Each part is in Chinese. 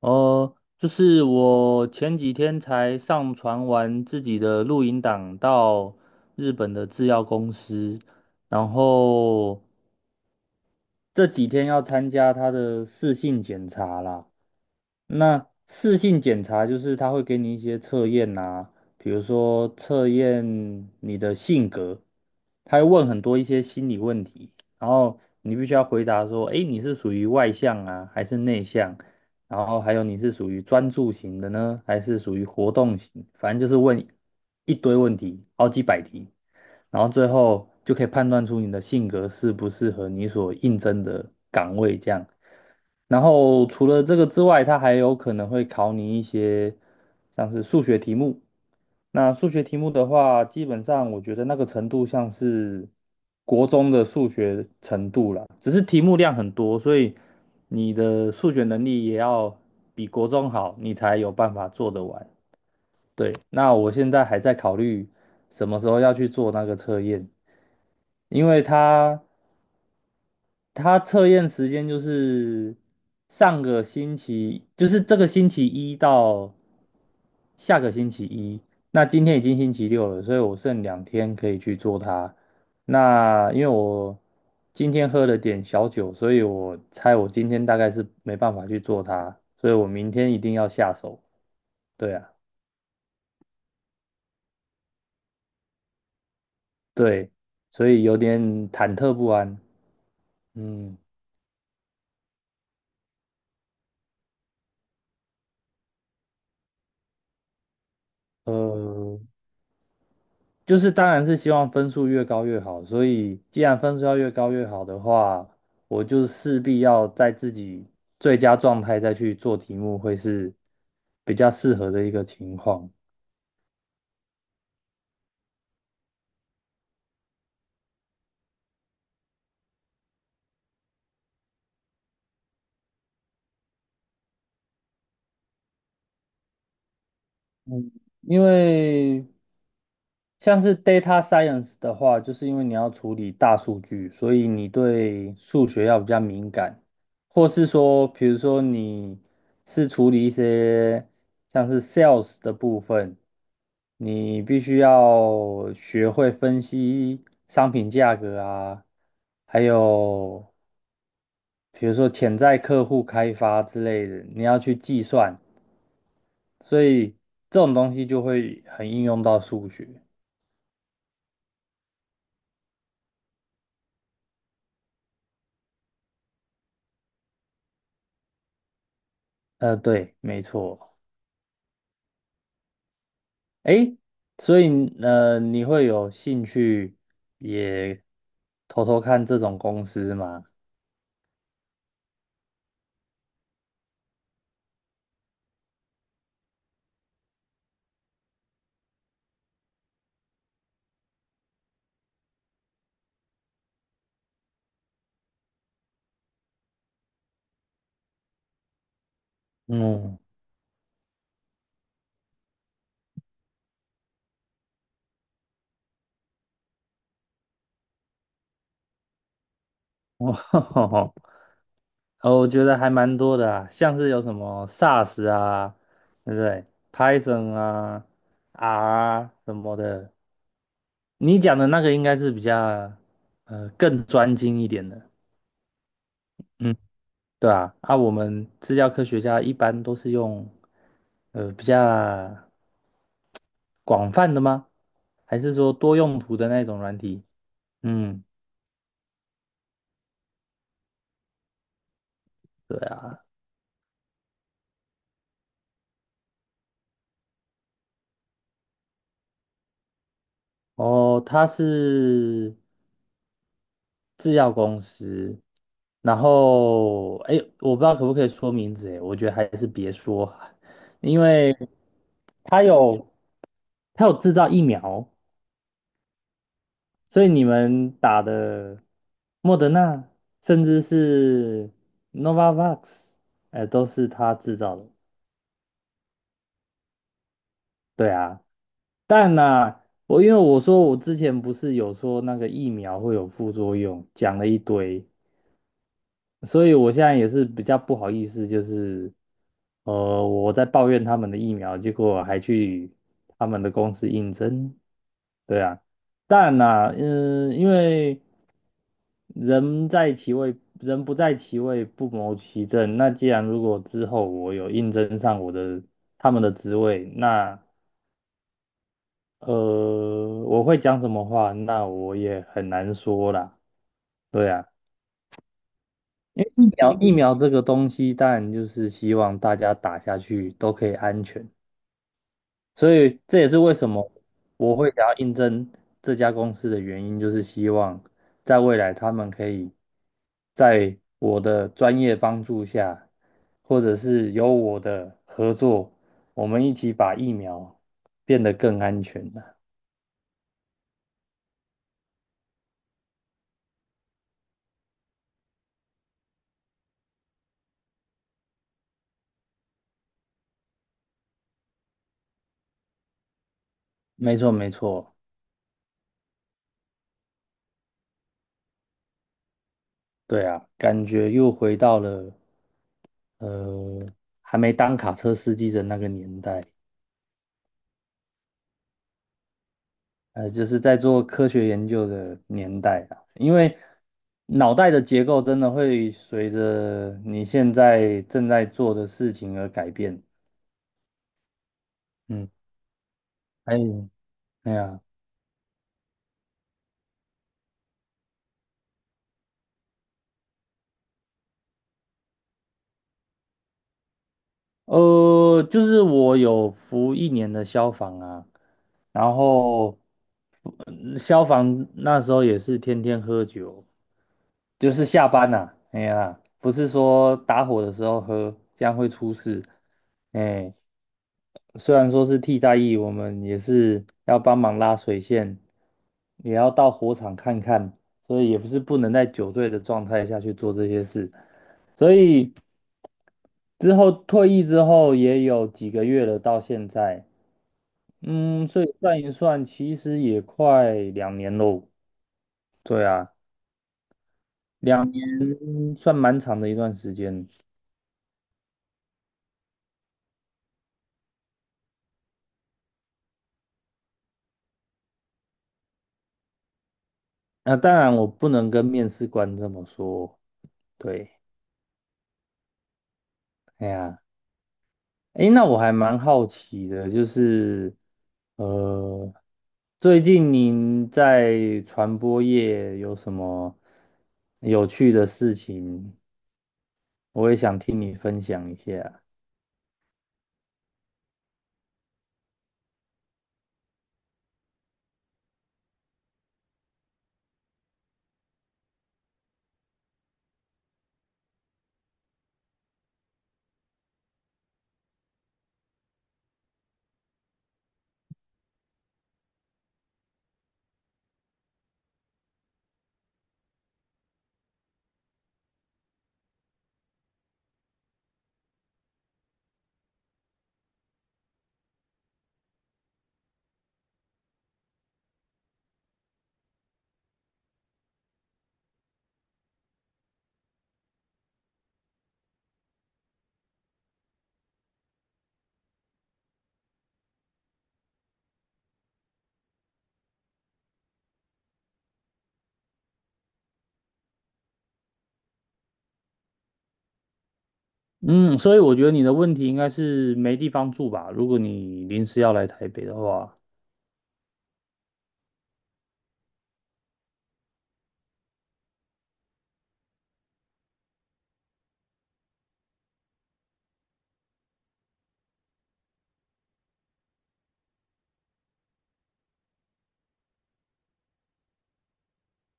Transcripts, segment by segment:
哦，就是我前几天才上传完自己的录音档到日本的制药公司，然后这几天要参加他的试性检查啦。那视性检查就是他会给你一些测验啊，比如说测验你的性格，他会问很多一些心理问题，然后你必须要回答说，诶，你是属于外向啊，还是内向？然后还有你是属于专注型的呢，还是属于活动型？反正就是问一堆问题，好几百题，然后最后就可以判断出你的性格适不适合你所应征的岗位这样。然后除了这个之外，它还有可能会考你一些像是数学题目。那数学题目的话，基本上我觉得那个程度像是国中的数学程度了，只是题目量很多，所以你的数学能力也要比国中好，你才有办法做得完。对，那我现在还在考虑什么时候要去做那个测验，因为他测验时间就是上个星期，就是这个星期一到下个星期一。那今天已经星期六了，所以我剩两天可以去做它。那因为我今天喝了点小酒，所以我猜我今天大概是没办法去做它，所以我明天一定要下手。对啊，对，所以有点忐忑不安。嗯，呃。就是当然是希望分数越高越好，所以既然分数要越高越好的话，我就势必要在自己最佳状态再去做题目，会是比较适合的一个情况。嗯，因为像是 data science 的话，就是因为你要处理大数据，所以你对数学要比较敏感，或是说，比如说你是处理一些像是 sales 的部分，你必须要学会分析商品价格啊，还有比如说潜在客户开发之类的，你要去计算，所以这种东西就会很应用到数学。对，没错。诶，所以你会有兴趣也偷偷看这种公司吗？嗯，哦，我觉得还蛮多的啊，像是有什么 SAS 啊，对不对？Python 啊，R 啊什么的。你讲的那个应该是比较更专精一点的。嗯。对啊，啊，我们资料科学家一般都是用比较广泛的吗？还是说多用途的那种软体？嗯，对啊。哦，它是制药公司，然后哎，我不知道可不可以说名字，哎，我觉得还是别说啊，因为它有它有制造疫苗，所以你们打的莫德纳，甚至是 Novavax,哎、都是他制造的。对啊，但呐、因为我说我之前不是有说那个疫苗会有副作用，讲了一堆，所以我现在也是比较不好意思，就是我在抱怨他们的疫苗，结果还去他们的公司应征。对啊。但呐、嗯，因为人在其位，人不在其位，不谋其政。那既然如果之后我有应征上他们的职位，那呃，我会讲什么话，那我也很难说啦。对啊，因为疫苗疫苗这个东西，当然就是希望大家打下去都可以安全。所以这也是为什么我会想要应征这家公司的原因，就是希望在未来他们可以在我的专业帮助下，或者是有我的合作，我们一起把疫苗变得更安全了。没错，没错，对啊，感觉又回到了呃还没当卡车司机的那个年代。就是在做科学研究的年代啊，因为脑袋的结构真的会随着你现在正在做的事情而改变。嗯，哎，哎呀，就是我有服一年的消防啊，然后消防那时候也是天天喝酒，就是下班呐、啊哎呀，不是说打火的时候喝，这样会出事。哎，虽然说是替代役，我们也是要帮忙拉水线，也要到火场看看，所以也不是不能在酒醉的状态下去做这些事。所以之后退役之后也有几个月了，到现在，嗯，所以算一算，其实也快两年喽。对啊，两年算蛮长的一段时间。啊，当然我不能跟面试官这么说，对，哎呀。诶，那我还蛮好奇的，就是呃，最近您在传播业有什么有趣的事情？我也想听你分享一下。嗯，所以我觉得你的问题应该是没地方住吧？如果你临时要来台北的话，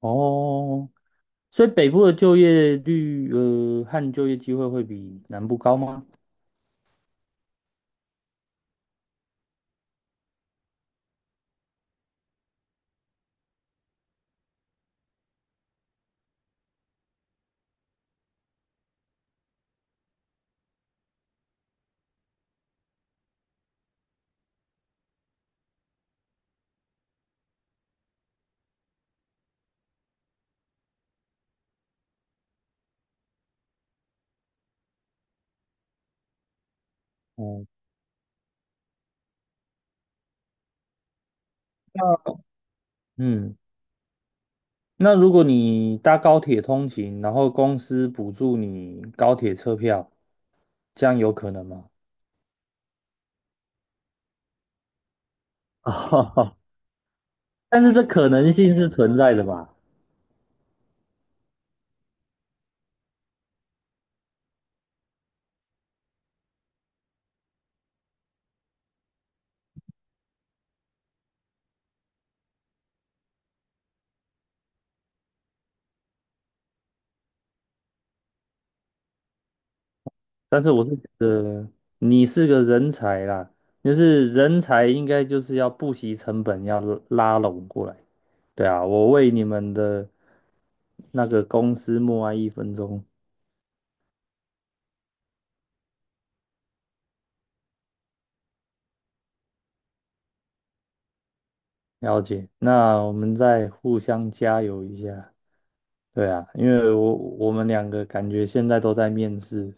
哦，所以北部的就业率和就业机会会比南部高吗？哦，那嗯。那如果你搭高铁通勤，然后公司补助你高铁车票，这样有可能吗？哦，但是这可能性是存在的吧？但是我是觉得你是个人才啦，就是人才应该就是要不惜成本要拉拢过来。对啊，我为你们的那个公司默哀一分钟，了解。那我们再互相加油一下。对啊，因为我们两个感觉现在都在面试，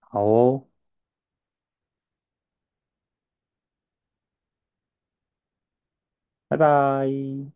好哦，拜拜。